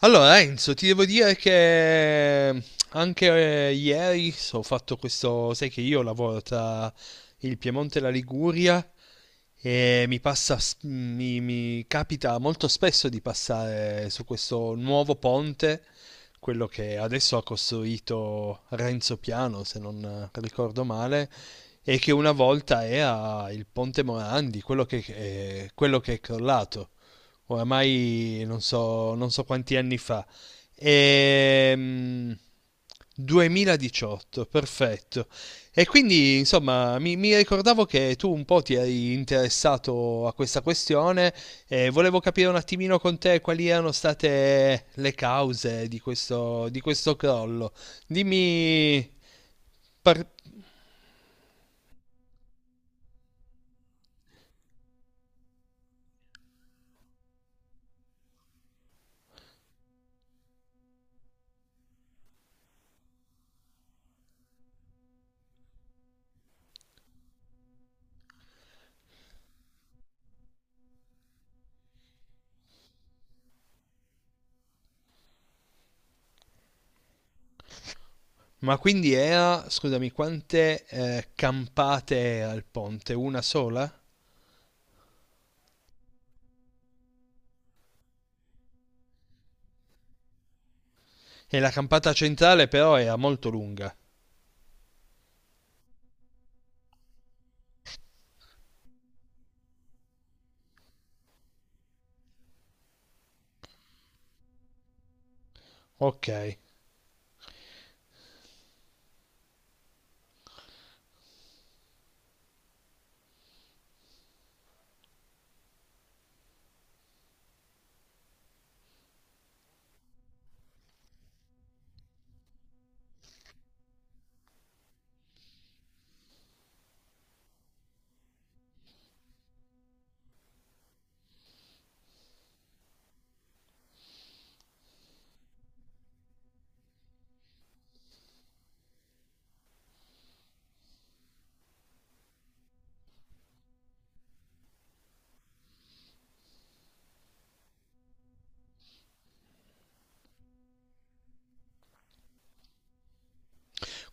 Allora Enzo, ti devo dire che anche ieri ho fatto questo. Sai che io lavoro tra il Piemonte e la Liguria e mi capita molto spesso di passare su questo nuovo ponte, quello che adesso ha costruito Renzo Piano, se non ricordo male, e che una volta era il Ponte Morandi, quello che è crollato oramai non so quanti anni fa. Ehm, 2018, perfetto. E quindi, insomma, mi ricordavo che tu un po' ti eri interessato a questa questione e volevo capire un attimino con te quali erano state le cause di di questo crollo. Dimmi, par- ma quindi era, scusami, quante campate al ponte? Una sola? E la campata centrale però era molto lunga. Ok,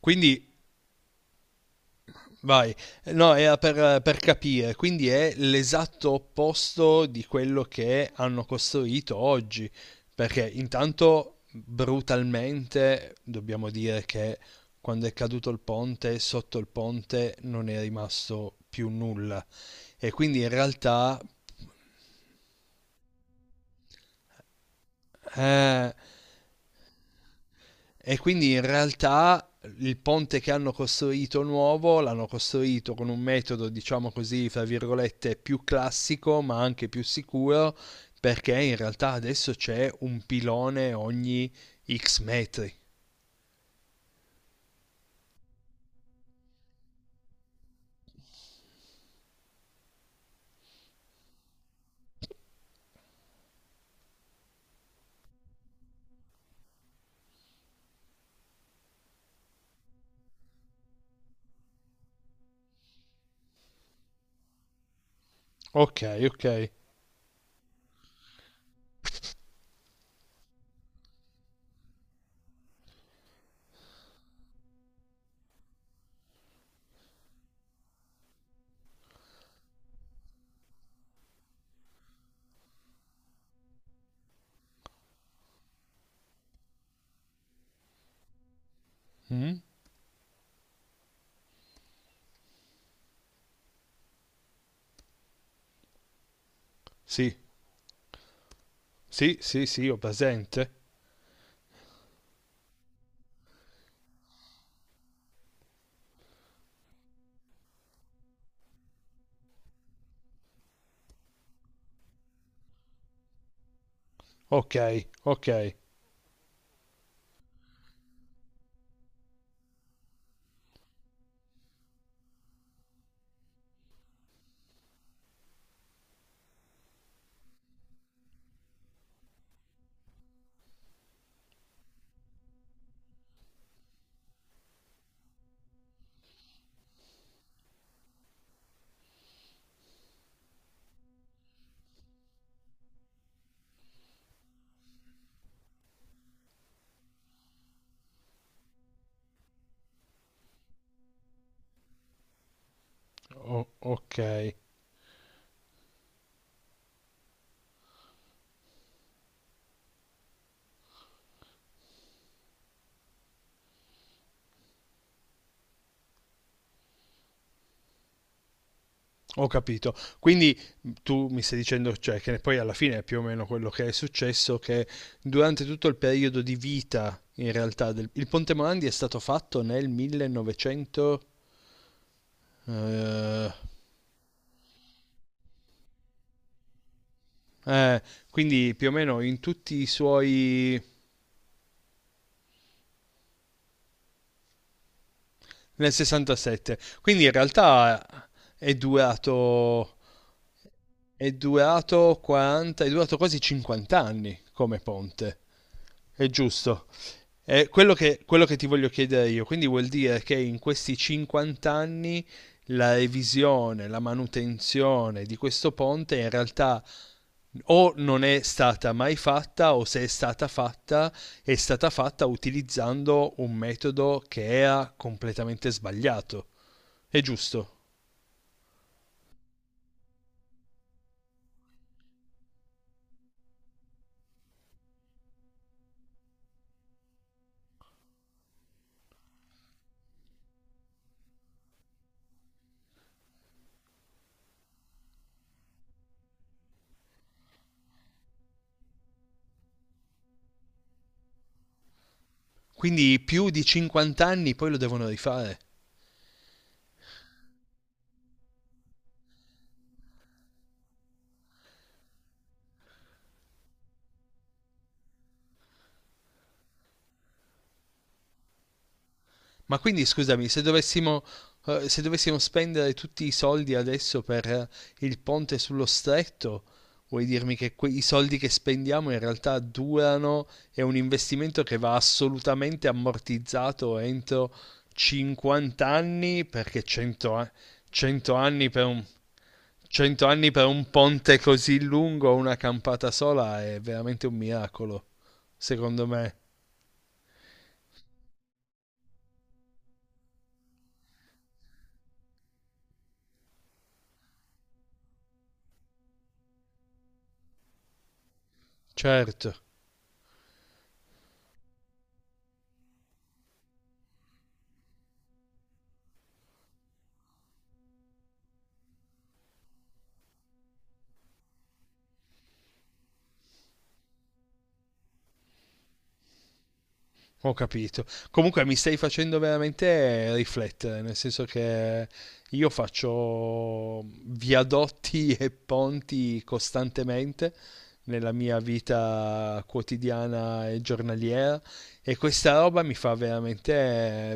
quindi vai. No, era per capire. Quindi è l'esatto opposto di quello che hanno costruito oggi, perché intanto brutalmente dobbiamo dire che quando è caduto il ponte, sotto il ponte non è rimasto più nulla e quindi in realtà eh, e quindi in realtà il ponte che hanno costruito nuovo l'hanno costruito con un metodo, diciamo così, fra virgolette, più classico, ma anche più sicuro, perché in realtà adesso c'è un pilone ogni X metri. Ok, ok. Mm? Sì, sì, sì, sì, ho presente. Ok, ok. Ok. Ho capito. Quindi mm, tu mi stai dicendo, cioè, che poi alla fine è più o meno quello che è successo, che durante tutto il periodo di vita, in realtà, del... il Ponte Morandi è stato fatto nel 1900... eh, eh, quindi più o meno in tutti i suoi... nel 67. Quindi in realtà è durato è durato 40, è durato quasi 50 anni come ponte. È giusto. È quello quello che ti voglio chiedere io, quindi vuol dire che in questi 50 anni la revisione, la manutenzione di questo ponte in realtà o non è stata mai fatta o se è stata fatta è stata fatta utilizzando un metodo che era completamente sbagliato. È giusto. Quindi più di 50 anni poi lo devono rifare. Ma quindi scusami, se dovessimo, se dovessimo spendere tutti i soldi adesso per il ponte sullo stretto, vuoi dirmi che i soldi che spendiamo in realtà durano, è un investimento che va assolutamente ammortizzato entro 50 anni, perché 100 anni per 100 anni per un ponte così lungo, una campata sola, è veramente un miracolo, secondo me. Certo. Ho capito. Comunque mi stai facendo veramente riflettere, nel senso che io faccio viadotti e ponti costantemente nella mia vita quotidiana e giornaliera e questa roba mi fa veramente,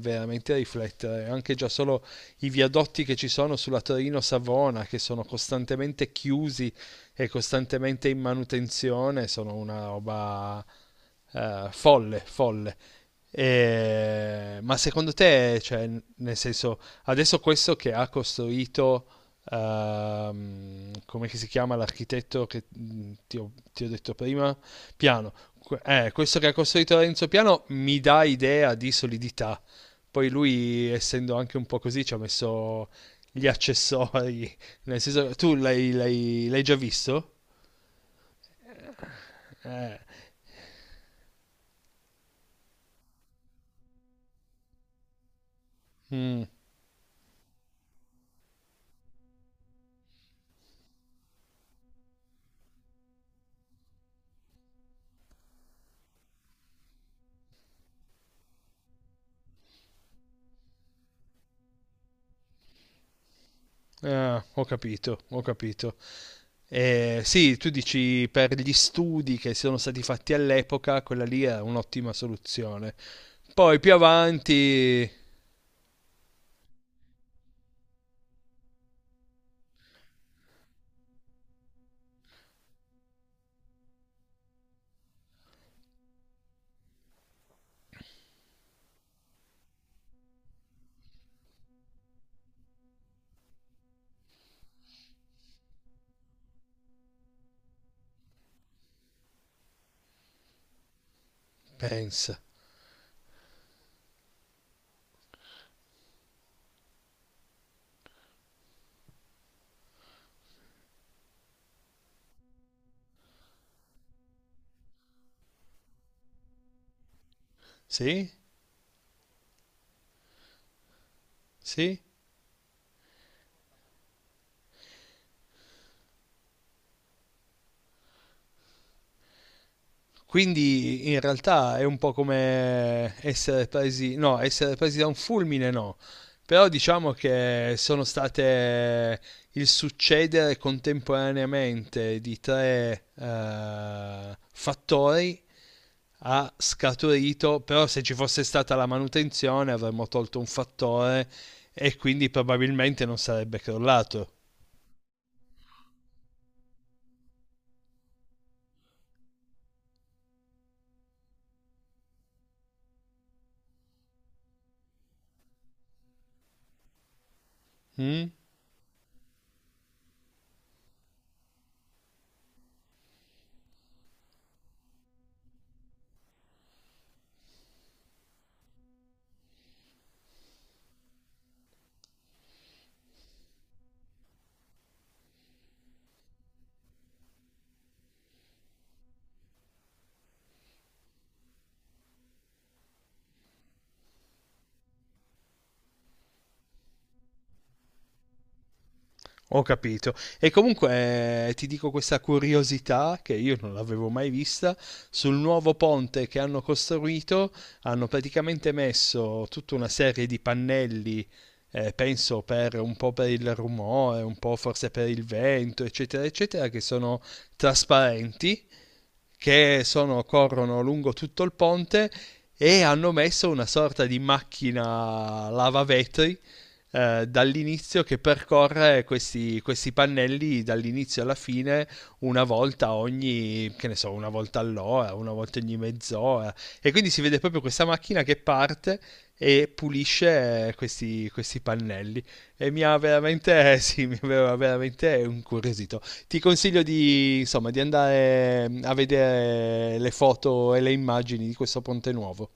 veramente riflettere. Anche già solo i viadotti che ci sono sulla Torino-Savona, che sono costantemente chiusi e costantemente in manutenzione, sono una roba folle, folle. Ma secondo te, cioè, nel senso, adesso questo che ha costruito, come che si chiama l'architetto che mm, ti ho detto prima? Piano. Questo che ha costruito Renzo Piano mi dà idea di solidità. Poi lui, essendo anche un po' così, ci ha messo gli accessori. Nel senso, tu l'hai già visto? Eh, mm, ah, ho capito, ho capito. Sì, tu dici per gli studi che sono stati fatti all'epoca, quella lì è un'ottima soluzione. Poi più avanti, pensa. Sì? Sì? Quindi in realtà è un po' come essere presi, no, essere presi da un fulmine no, però diciamo che sono state il succedere contemporaneamente di tre fattori ha scaturito, però se ci fosse stata la manutenzione avremmo tolto un fattore e quindi probabilmente non sarebbe crollato. Mm? Ho capito. E comunque ti dico questa curiosità che io non l'avevo mai vista. Sul nuovo ponte che hanno costruito hanno praticamente messo tutta una serie di pannelli, penso per un po' per il rumore, un po' forse per il vento, eccetera, eccetera, che sono trasparenti, corrono lungo tutto il ponte, e hanno messo una sorta di macchina lavavetri dall'inizio, che percorre questi pannelli dall'inizio alla fine una volta ogni, che ne so, una volta all'ora, una volta ogni mezz'ora. E quindi si vede proprio questa macchina che parte e pulisce questi, questi pannelli. E mi ha veramente, sì, mi aveva veramente incuriosito. Ti consiglio di, insomma, di andare a vedere le foto e le immagini di questo ponte nuovo.